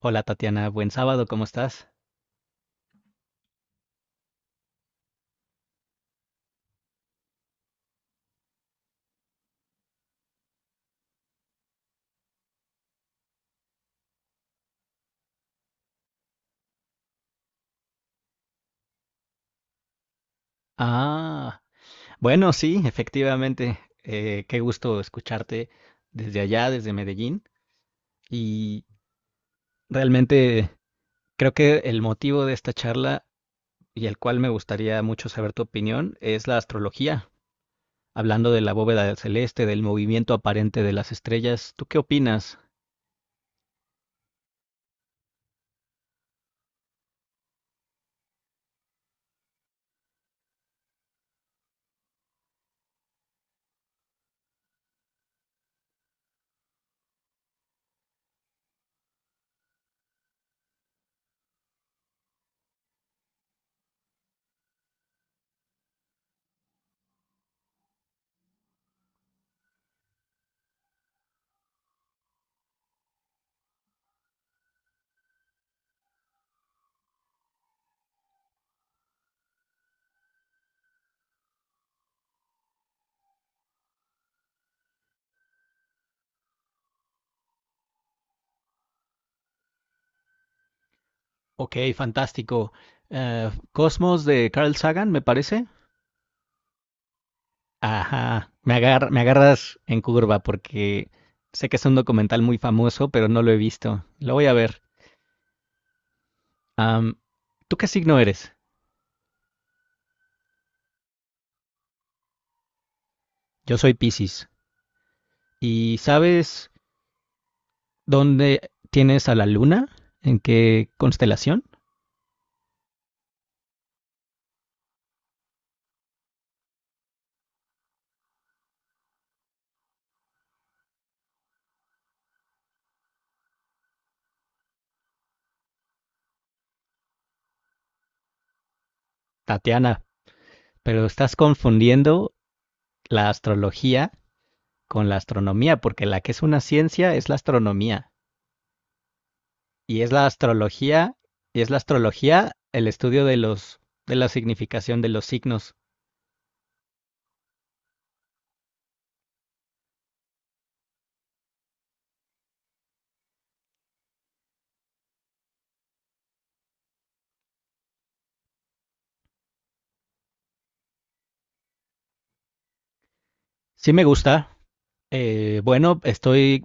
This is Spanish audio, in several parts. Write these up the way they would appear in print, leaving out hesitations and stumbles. Hola Tatiana, buen sábado, ¿cómo estás? Ah, bueno, sí, efectivamente, qué gusto escucharte desde allá, desde Medellín, y realmente creo que el motivo de esta charla y el cual me gustaría mucho saber tu opinión es la astrología, hablando de la bóveda del celeste, del movimiento aparente de las estrellas, ¿tú qué opinas? Ok, fantástico. Cosmos de Carl Sagan, me parece. Ajá, me agarras en curva porque sé que es un documental muy famoso, pero no lo he visto. Lo voy a ver. Am, ¿Tú qué signo eres? Yo soy Piscis. ¿Y sabes dónde tienes a la luna? ¿En qué constelación? Tatiana, pero estás confundiendo la astrología con la astronomía, porque la que es una ciencia es la astronomía. Y es la astrología, el estudio de los, de la significación de los signos. Sí me gusta. Bueno, estoy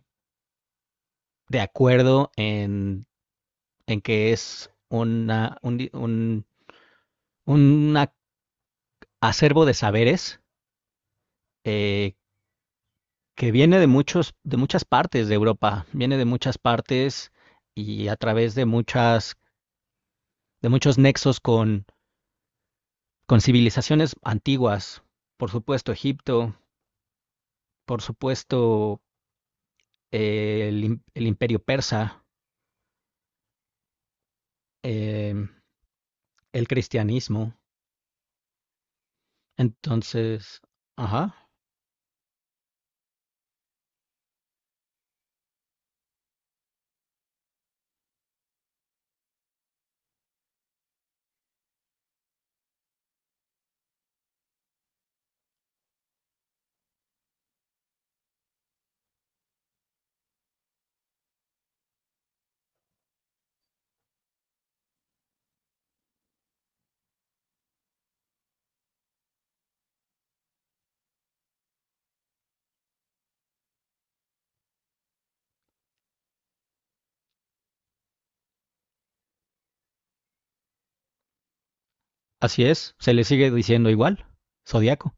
de acuerdo en que es una, un, di- un a- acervo de saberes eh, que viene de muchos, de muchas partes de Europa, viene de muchas partes y a través de muchas, de muchos nexos con civilizaciones antiguas. Por supuesto, Egipto, por supuesto, el Imperio Persa, em, el cristianismo. Entonces, ajá, así es, se le sigue diciendo igual, zodiaco,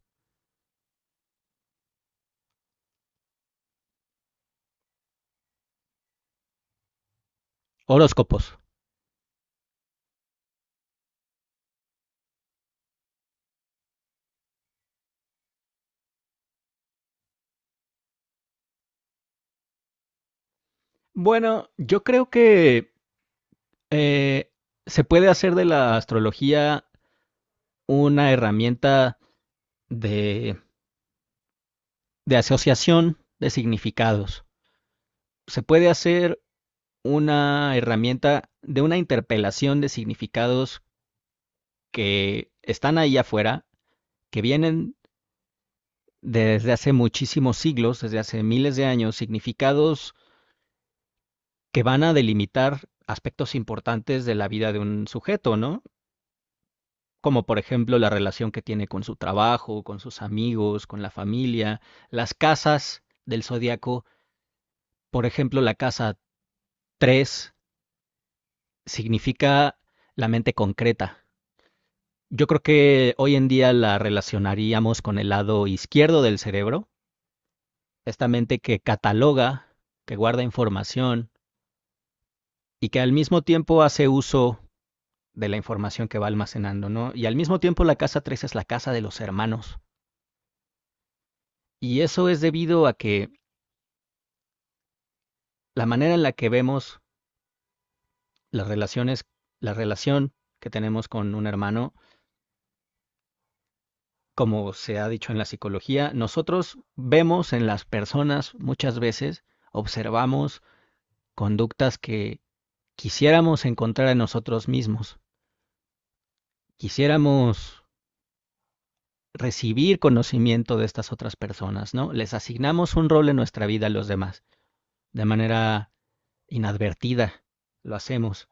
horóscopos. Bueno, yo creo que eh, se puede hacer de la astrología una herramienta de, de asociación de significados. Se puede hacer una herramienta de una interpelación de significados que están ahí afuera, que vienen desde hace muchísimos siglos, desde hace miles de años, significados que van a delimitar aspectos importantes de la vida de un sujeto, ¿no? Como por ejemplo la relación que tiene con su trabajo, con sus amigos, con la familia, las casas del zodiaco, por ejemplo la casa 3 significa la mente concreta. Yo creo que hoy en día la relacionaríamos con el lado izquierdo del cerebro, esta mente que cataloga, que guarda información y que al mismo tiempo hace uso de la información que va almacenando, ¿no? Y al mismo tiempo la casa 3 es la casa de los hermanos. Y eso es debido a que la manera en la que vemos las relaciones, la relación que tenemos con un hermano, como se ha dicho en la psicología, nosotros vemos en las personas muchas veces, observamos conductas que quisiéramos encontrar en nosotros mismos, quisiéramos recibir conocimiento de estas otras personas, ¿no? Les asignamos un rol en nuestra vida a los demás, de manera inadvertida, lo hacemos.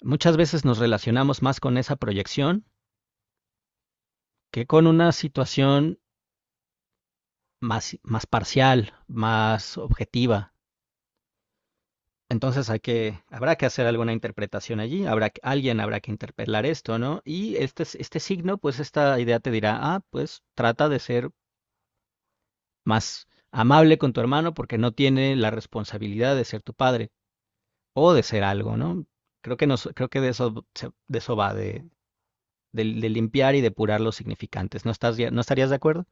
Muchas veces nos relacionamos más con esa proyección que con una situación más, más parcial, más objetiva. Entonces hay que, habrá que hacer alguna interpretación allí, habrá, que, alguien habrá que interpelar esto, ¿no? Y este signo, pues esta idea te dirá, ah, pues trata de ser más amable con tu hermano porque no tiene la responsabilidad de ser tu padre o de ser algo, ¿no? Creo que de eso va, de limpiar y depurar los significantes. ¿No estarías de acuerdo?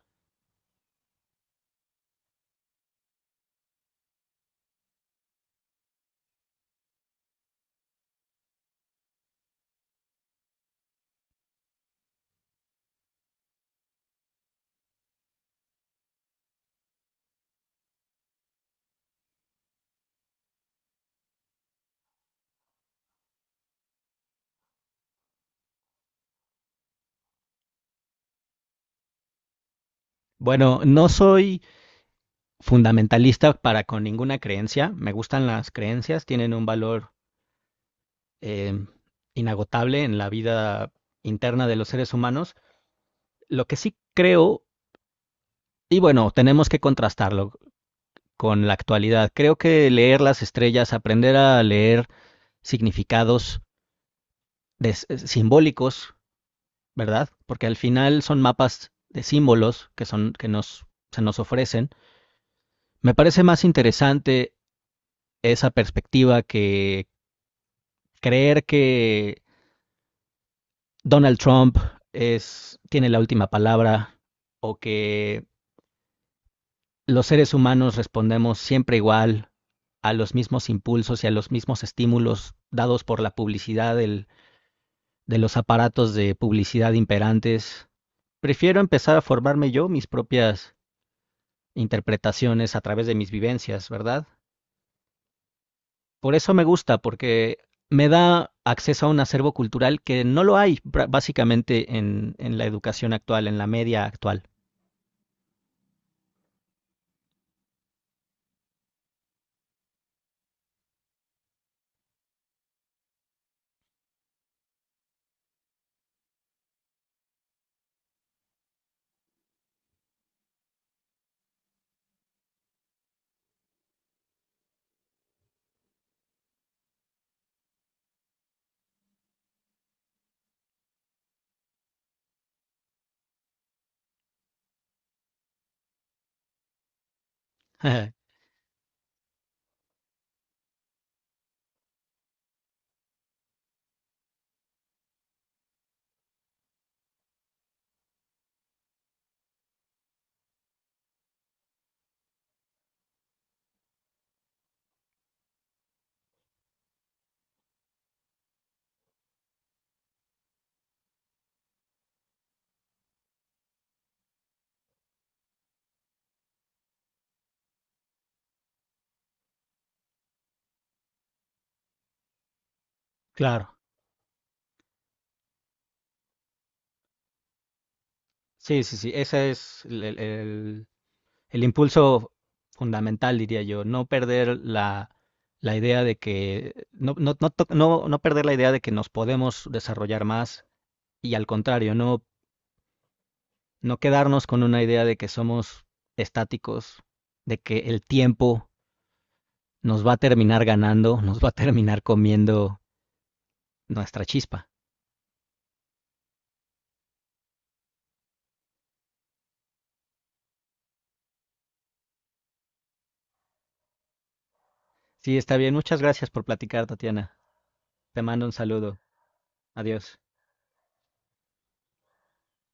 Bueno, no soy fundamentalista para con ninguna creencia. Me gustan las creencias, tienen un valor eh, inagotable en la vida interna de los seres humanos. Lo que sí creo, y bueno, tenemos que contrastarlo con la actualidad. Creo que leer las estrellas, aprender a leer significados de, simbólicos, ¿verdad? Porque al final son mapas de símbolos que son que nos se nos ofrecen. Me parece más interesante esa perspectiva que creer que Donald Trump es, tiene la última palabra o que los seres humanos respondemos siempre igual a los mismos impulsos y a los mismos estímulos dados por la publicidad del, de los aparatos de publicidad imperantes. Prefiero empezar a formarme yo mis propias interpretaciones a través de mis vivencias, ¿verdad? Por eso me gusta, porque me da acceso a un acervo cultural que no lo hay básicamente en la educación actual, en la media actual. Claro. Sí, sí, sí. Ese es el impulso fundamental, diría yo. No perder la, la idea de que, no, no, no, no, no perder la idea de que nos podemos desarrollar más y al contrario, no, no quedarnos con una idea de que somos estáticos, de que el tiempo nos va a terminar ganando, nos va a terminar comiendo nuestra chispa. Sí, está bien. Muchas gracias por platicar, Tatiana. Te mando un saludo. Adiós.